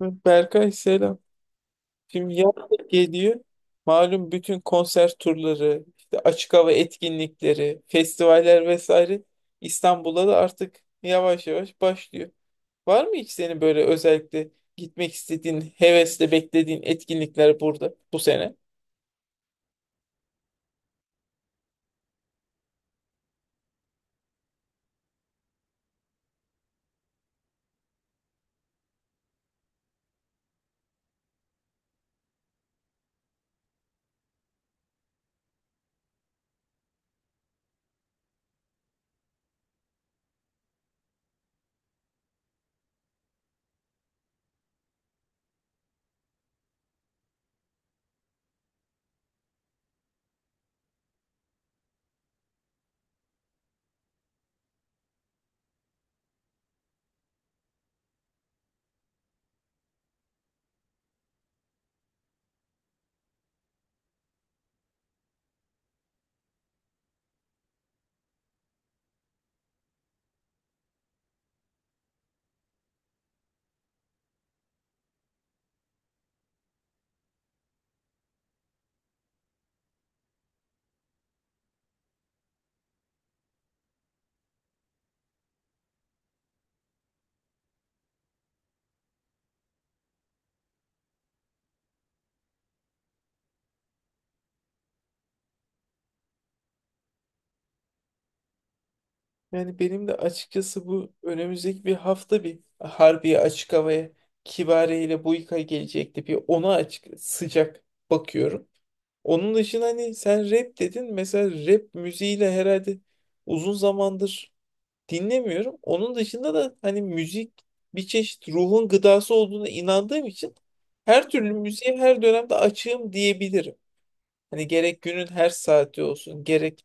Berkay selam. Şimdi yaz da geliyor. Malum bütün konser turları, işte açık hava etkinlikleri, festivaller vesaire İstanbul'da da artık yavaş yavaş başlıyor. Var mı hiç senin böyle özellikle gitmek istediğin, hevesle beklediğin etkinlikler burada bu sene? Yani benim de açıkçası bu önümüzdeki bir hafta bir Harbiye Açık Hava'ya Kibariye ile Buika gelecekti. Bir ona açık sıcak bakıyorum. Onun dışında hani sen rap dedin. Mesela rap müziğiyle herhalde uzun zamandır dinlemiyorum. Onun dışında da hani müzik bir çeşit ruhun gıdası olduğuna inandığım için her türlü müziğe her dönemde açığım diyebilirim. Hani gerek günün her saati olsun, gerek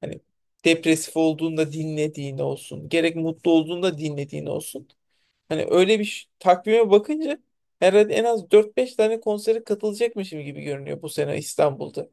hani depresif olduğunda dinlediğin olsun, gerek mutlu olduğunda dinlediğin olsun. Hani öyle bir takvime bakınca herhalde en az dört beş tane konsere katılacakmışım gibi görünüyor bu sene İstanbul'da.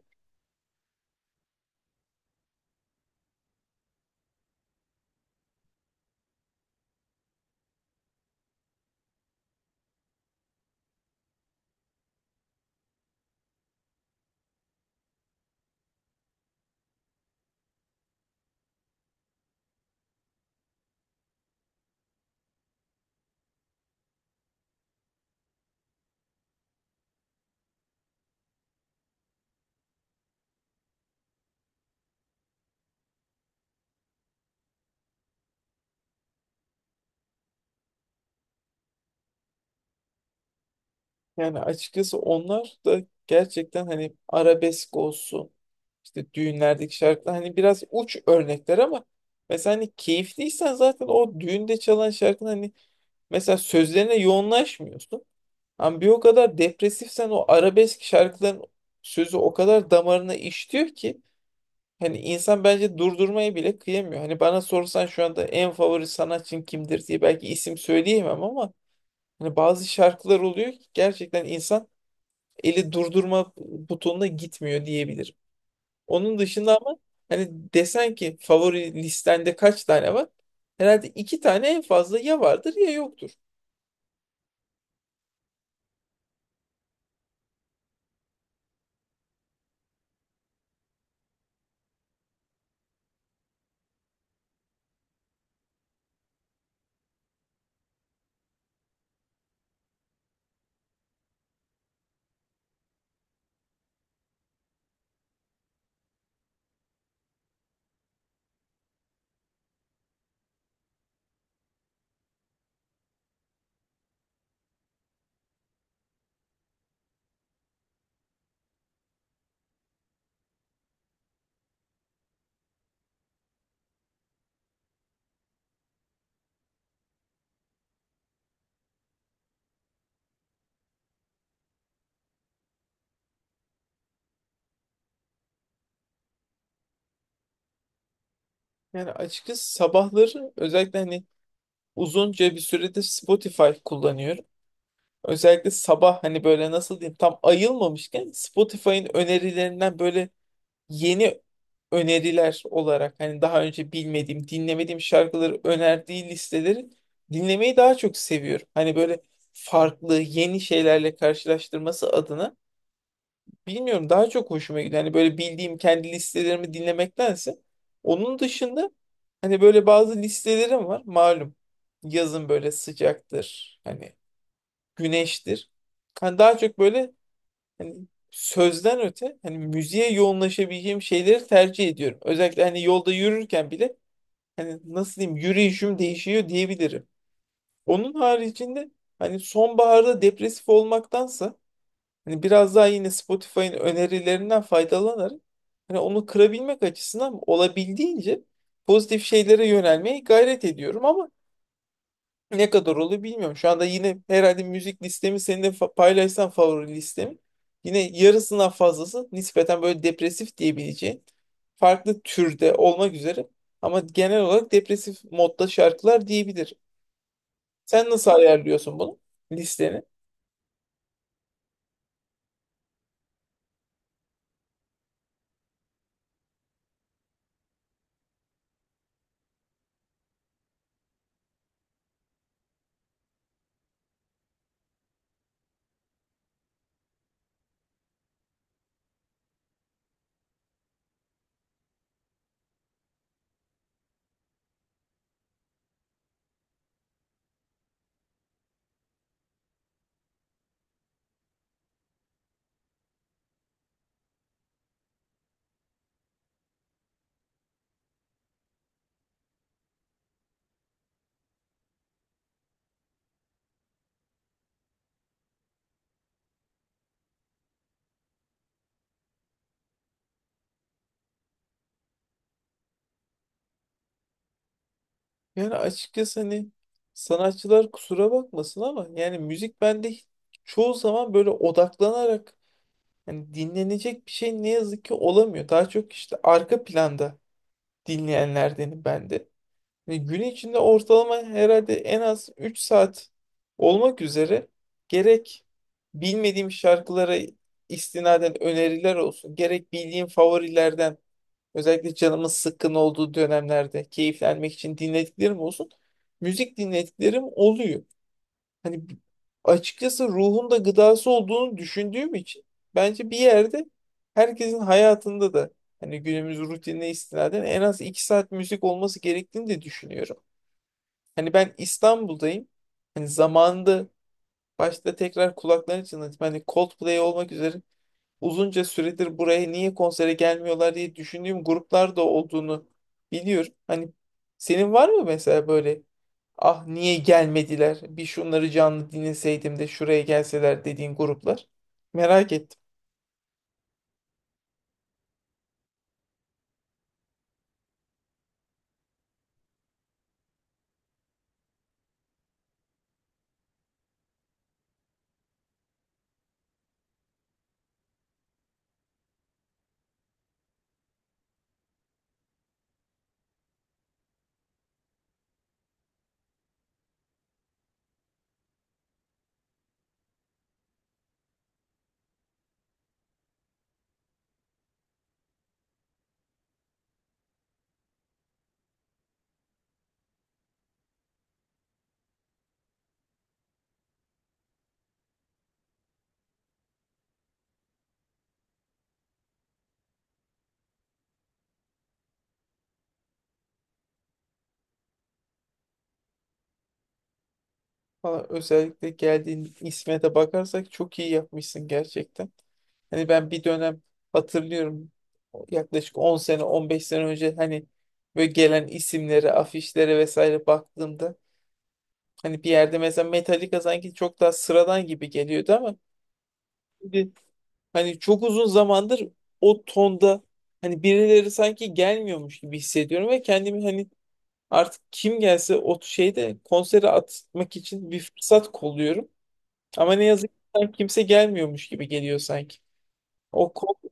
Yani açıkçası onlar da gerçekten hani arabesk olsun, işte düğünlerdeki şarkılar hani biraz uç örnekler ama mesela hani keyifliysen zaten o düğünde çalan şarkının hani mesela sözlerine yoğunlaşmıyorsun. Ama bir o kadar depresifsen o arabesk şarkıların sözü o kadar damarına işliyor ki hani insan bence durdurmaya bile kıyamıyor. Hani bana sorsan şu anda en favori sanatçın kimdir diye belki isim söyleyemem ama hani bazı şarkılar oluyor ki gerçekten insan eli durdurma butonuna gitmiyor diyebilirim. Onun dışında ama hani desen ki favori listende kaç tane var? Herhalde iki tane en fazla ya vardır ya yoktur. Yani açıkçası sabahları özellikle hani uzunca bir süredir Spotify kullanıyorum. Özellikle sabah hani böyle nasıl diyeyim tam ayılmamışken Spotify'ın önerilerinden böyle yeni öneriler olarak hani daha önce bilmediğim, dinlemediğim şarkıları önerdiği listeleri dinlemeyi daha çok seviyorum. Hani böyle farklı yeni şeylerle karşılaştırması adına bilmiyorum daha çok hoşuma gidiyor. Hani böyle bildiğim kendi listelerimi dinlemektense onun dışında hani böyle bazı listelerim var malum. Yazın böyle sıcaktır. Hani güneştir. Hani daha çok böyle hani sözden öte hani müziğe yoğunlaşabileceğim şeyleri tercih ediyorum. Özellikle hani yolda yürürken bile hani nasıl diyeyim yürüyüşüm değişiyor diyebilirim. Onun haricinde hani sonbaharda depresif olmaktansa hani biraz daha yine Spotify'ın önerilerinden faydalanarak hani onu kırabilmek açısından olabildiğince pozitif şeylere yönelmeye gayret ediyorum ama ne kadar olur bilmiyorum. Şu anda yine herhalde müzik listemi seninle paylaşsam favori listemi. Yine yarısından fazlası nispeten böyle depresif diyebileceğin farklı türde olmak üzere ama genel olarak depresif modda şarkılar diyebilir. Sen nasıl ayarlıyorsun bunu listeni? Yani açıkçası hani sanatçılar kusura bakmasın ama yani müzik bende çoğu zaman böyle odaklanarak hani dinlenecek bir şey ne yazık ki olamıyor. Daha çok işte arka planda dinleyenlerdenim ben de. Hani gün içinde ortalama herhalde en az 3 saat olmak üzere gerek bilmediğim şarkılara istinaden öneriler olsun, gerek bildiğim favorilerden özellikle canımın sıkkın olduğu dönemlerde keyiflenmek için dinlediklerim olsun. Müzik dinlediklerim oluyor. Hani açıkçası ruhun da gıdası olduğunu düşündüğüm için bence bir yerde herkesin hayatında da hani günümüz rutinine istinaden en az iki saat müzik olması gerektiğini de düşünüyorum. Hani ben İstanbul'dayım. Hani zamanında başta tekrar kulaklarını çınlatayım. Hani Coldplay olmak üzere uzunca süredir buraya niye konsere gelmiyorlar diye düşündüğüm gruplar da olduğunu biliyorum. Hani senin var mı mesela böyle ah niye gelmediler, bir şunları canlı dinleseydim de şuraya gelseler dediğin gruplar? Merak ettim. Valla özellikle geldiğin isme de bakarsak çok iyi yapmışsın gerçekten. Hani ben bir dönem hatırlıyorum, yaklaşık 10 sene 15 sene önce hani böyle gelen isimlere afişlere vesaire baktığımda hani bir yerde mesela Metallica sanki çok daha sıradan gibi geliyordu ama şimdi hani çok uzun zamandır o tonda hani birileri sanki gelmiyormuş gibi hissediyorum ve kendimi hani artık kim gelse o şeyde konsere atmak için bir fırsat kolluyorum. Ama ne yazık ki sanki kimse gelmiyormuş gibi geliyor sanki. O Coldplay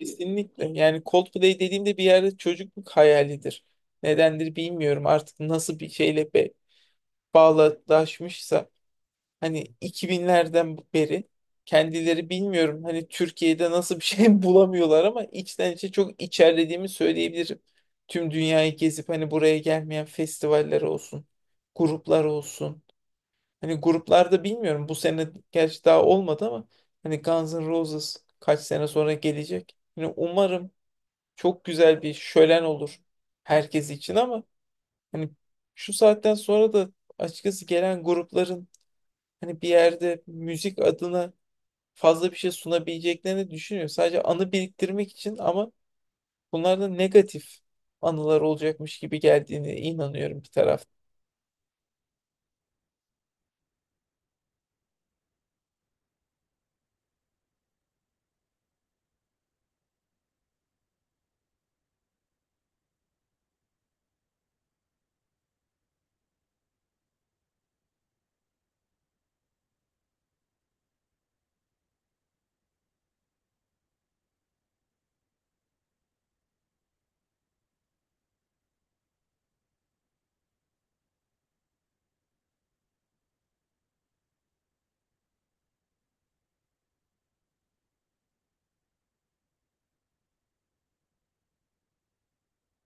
kesinlikle, yani Coldplay dediğimde bir yerde çocukluk hayalidir. Nedendir bilmiyorum artık nasıl bir şeyle bağdaşmışsa. Hani 2000'lerden beri kendileri bilmiyorum hani Türkiye'de nasıl bir şey bulamıyorlar ama içten içe çok içerlediğimi söyleyebilirim. Tüm dünyayı gezip hani buraya gelmeyen festivaller olsun, gruplar olsun. Hani gruplarda bilmiyorum bu sene gerçi daha olmadı ama hani Guns N' Roses kaç sene sonra gelecek. Hani umarım çok güzel bir şölen olur herkes için ama hani şu saatten sonra da açıkçası gelen grupların hani bir yerde müzik adına fazla bir şey sunabileceklerini düşünüyor. Sadece anı biriktirmek için ama bunlarda negatif anılar olacakmış gibi geldiğine inanıyorum bir tarafta.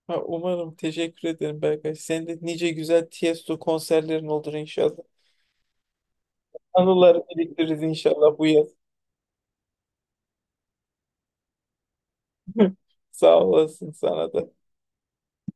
Ha, umarım. Teşekkür ederim Berkay. Senin de nice güzel Tiesto konserlerin olur inşallah. Anılar biriktiririz inşallah bu yaz. Sağ olasın sana da.